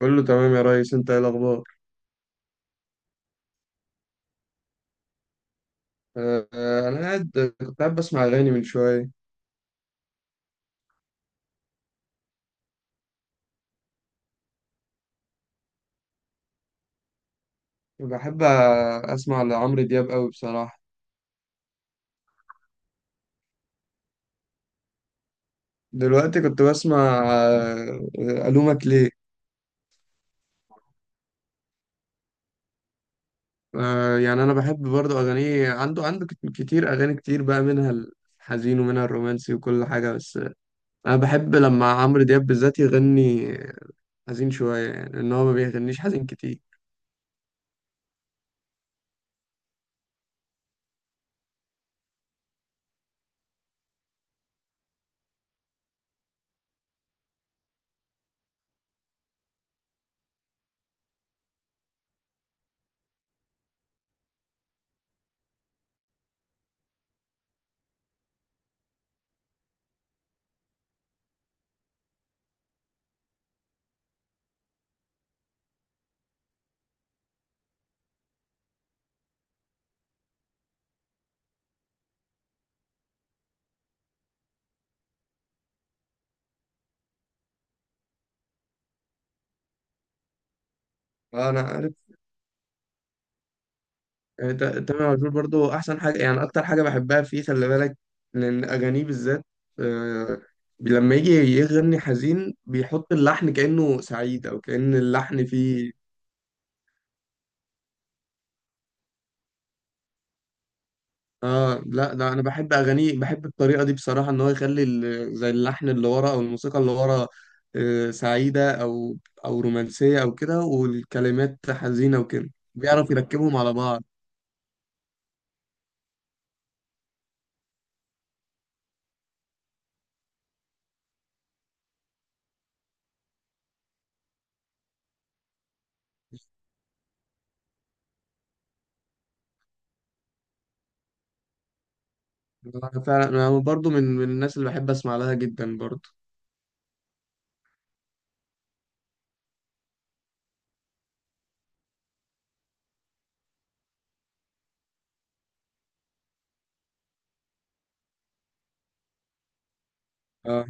كله تمام يا ريس، انت ايه الاخبار؟ انا قاعد. كنت قاعد بسمع اغاني من شويه. بحب اسمع لعمرو دياب قوي بصراحه. دلوقتي كنت بسمع. الومك ليه. يعني انا بحب برضو اغانيه، عنده كتير اغاني كتير، بقى منها الحزين ومنها الرومانسي وكل حاجه. بس انا بحب لما عمرو دياب بالذات يغني حزين شويه، يعني ان هو ما بيغنيش حزين كتير. انا تامر عاشور برضو احسن حاجه، يعني اكتر حاجه بحبها فيه خلي بالك، لان اغانيه بالذات آه، لما يجي يغني حزين بيحط اللحن كانه سعيد، او كان اللحن فيه. اه لا، ده انا بحب اغانيه، بحب الطريقه دي بصراحه، ان هو يخلي زي اللحن اللي ورا او الموسيقى اللي ورا سعيده او او رومانسيه او كده، والكلمات حزينه وكده بيعرف يركبهم على بعض. فعلا انا برضو من الناس اللي بحب اسمع لها جدا برضو. اه،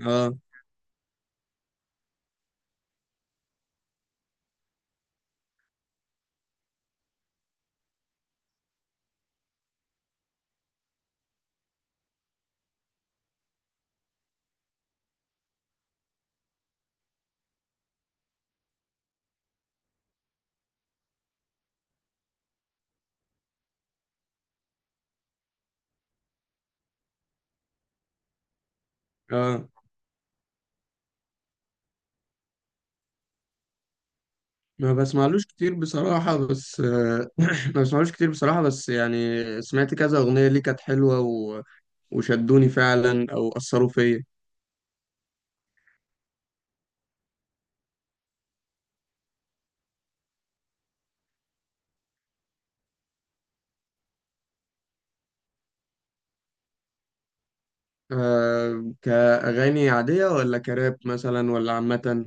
اه، اه. ما بسمعلوش كتير بصراحة، بس ما بسمعلوش كتير بصراحة، بس يعني سمعت كذا أغنية ليه كانت حلوة و... وشدوني فعلا أو أثروا فيا. أه، كأغاني عادية ولا كراب مثلا ولا عامة؟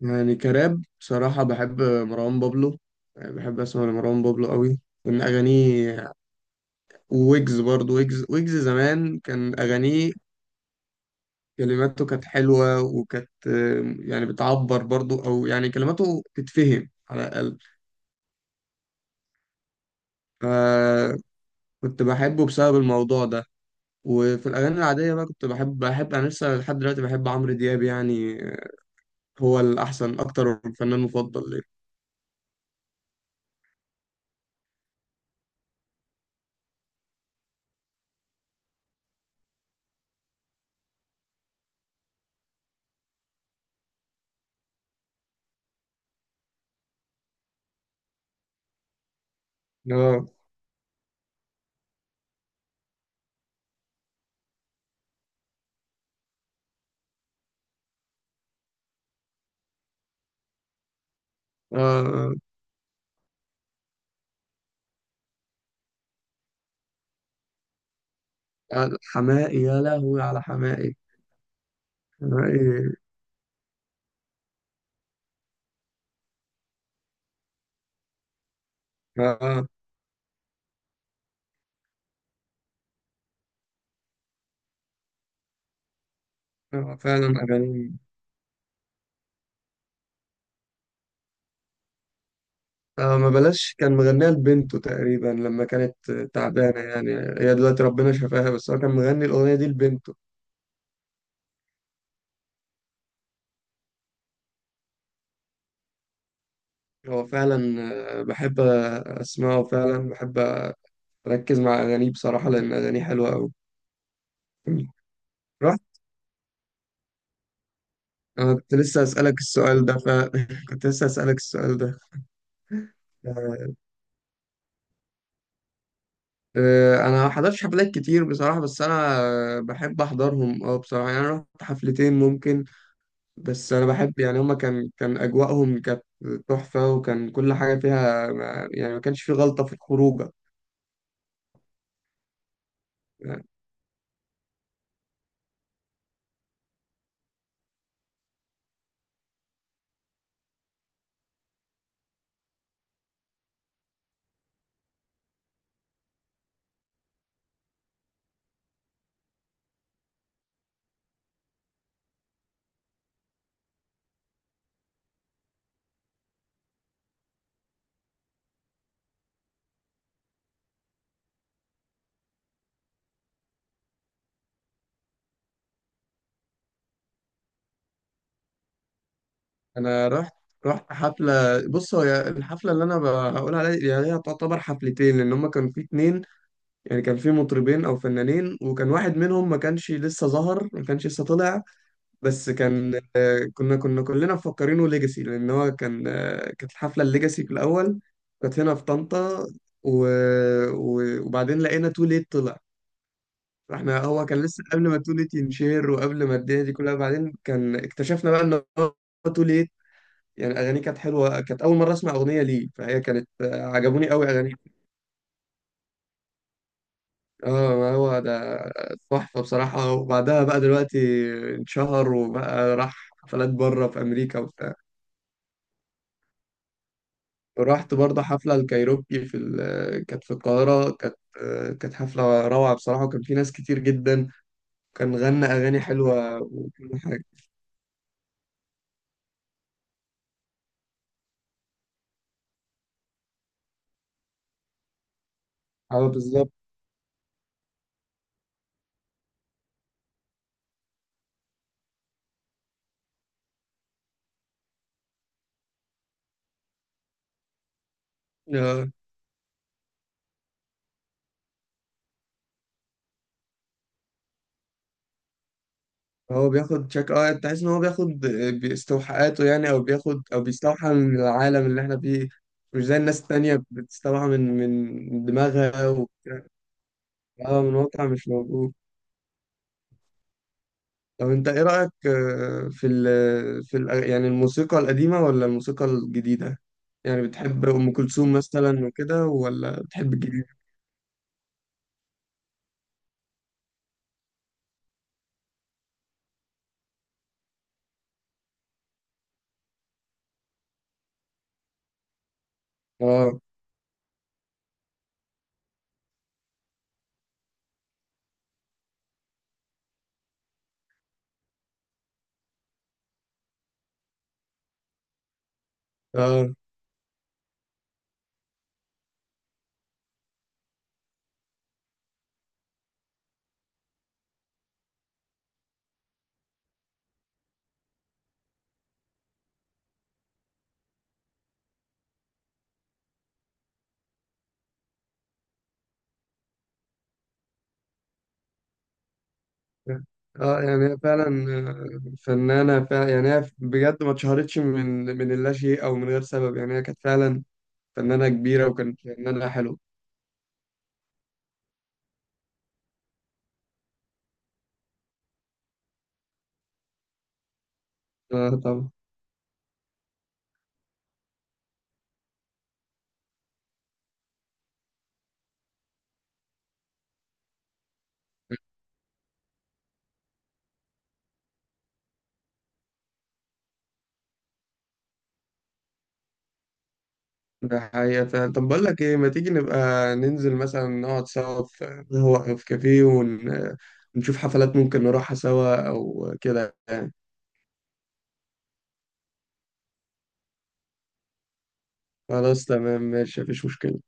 يعني كراب بصراحة بحب مروان بابلو، يعني بحب أسمع لمروان بابلو قوي من أغانيه. وويجز برضو، ويجز ويجز زمان كان أغانيه كلماته كانت حلوة، وكانت يعني بتعبر برضو، أو يعني كلماته تتفهم على الأقل. آه، كنت بحبه بسبب الموضوع ده. وفي الأغاني العادية بقى كنت بحب، أنا لسه لحد دلوقتي بحب عمرو دياب، يعني هو الأحسن، أكتر الفنان مفضل ليا. آه، آه، حماقي، يا لهوي على حماقي. حماقي آه، آه، فعلا أغاني. آه، ما بلاش كان مغنيها لبنته تقريبا، لما كانت تعبانة يعني. هي دلوقتي ربنا شفاها، بس هو كان مغني الأغنية دي لبنته. هو فعلا، بحب اسمعه، وفعلا بحب اركز مع اغانيه بصراحه، لان اغانيه حلوه قوي. رحت. انا كنت لسه اسالك السؤال ده، ف... كنت لسه اسالك السؤال ده. آه، انا ما حضرتش حفلات كتير بصراحه، بس انا بحب احضرهم، اه بصراحه. يعني انا رحت حفلتين ممكن، بس انا بحب يعني هما، كان اجواءهم كانت تحفه، وكان كل حاجه فيها يعني ما كانش في غلطه في الخروجه. انا رحت حفله. بص، هو الحفله اللي انا يعني هي تعتبر حفلتين، لان هما كان في اتنين. يعني كان في مطربين او فنانين، وكان واحد منهم ما كانش لسه ظهر، ما كانش لسه طلع. بس كان، كنا كلنا مفكرينه ليجاسي، لان هو كان، كانت الحفله الليجاسي في الاول. كانت هنا في طنطا و... و- وبعدين لقينا تو ليت طلع. احنا هو كان لسه قبل ما تو ليت ينشهر، وقبل ما الدنيا دي كلها، بعدين كان اكتشفنا بقى ان هو تو ليت يعني اغانيه كانت حلوه، كانت اول مره اسمع اغنيه ليه، فهي كانت عجبوني قوي اغانيه. اه، ما هو ده تحفه بصراحه. وبعدها بقى دلوقتي انشهر، وبقى راح حفلات بره في امريكا وبتاع. ورحت برضه حفله الكايروكي في كانت في القاهره، كانت كانت حفله روعه بصراحه، وكان في ناس كتير جدا. كان غنى اغاني حلوه وكل حاجه. اه بالظبط. هو بياخد شك، اه تحس ان هو بياخد باستوحاءاته يعني، او بياخد او بيستوحى من العالم اللي احنا فيه. مش زي الناس التانية، بتستوحى من من دماغها و... اه من واقع مش موجود. طب انت ايه رأيك في يعني الموسيقى القديمة ولا الموسيقى الجديدة؟ يعني بتحب ام كلثوم مثلا وكده، ولا بتحب الجديدة؟ اه، اه، اه، يعني هي فعلا فنانة فعلا، يعني هي بجد ما اتشهرتش من اللاشيء او من غير سبب، يعني هي كانت فعلا فنانة كبيرة، وكانت فنانة حلوة. اه طبعا. ده حقيقة فعلا. طب بقول لك ايه، ما تيجي نبقى ننزل مثلا نقعد سوا في، هو في كافيه، ون... ونشوف حفلات ممكن نروحها سوا او كده يعني. خلاص تمام ماشي، مفيش مشكلة.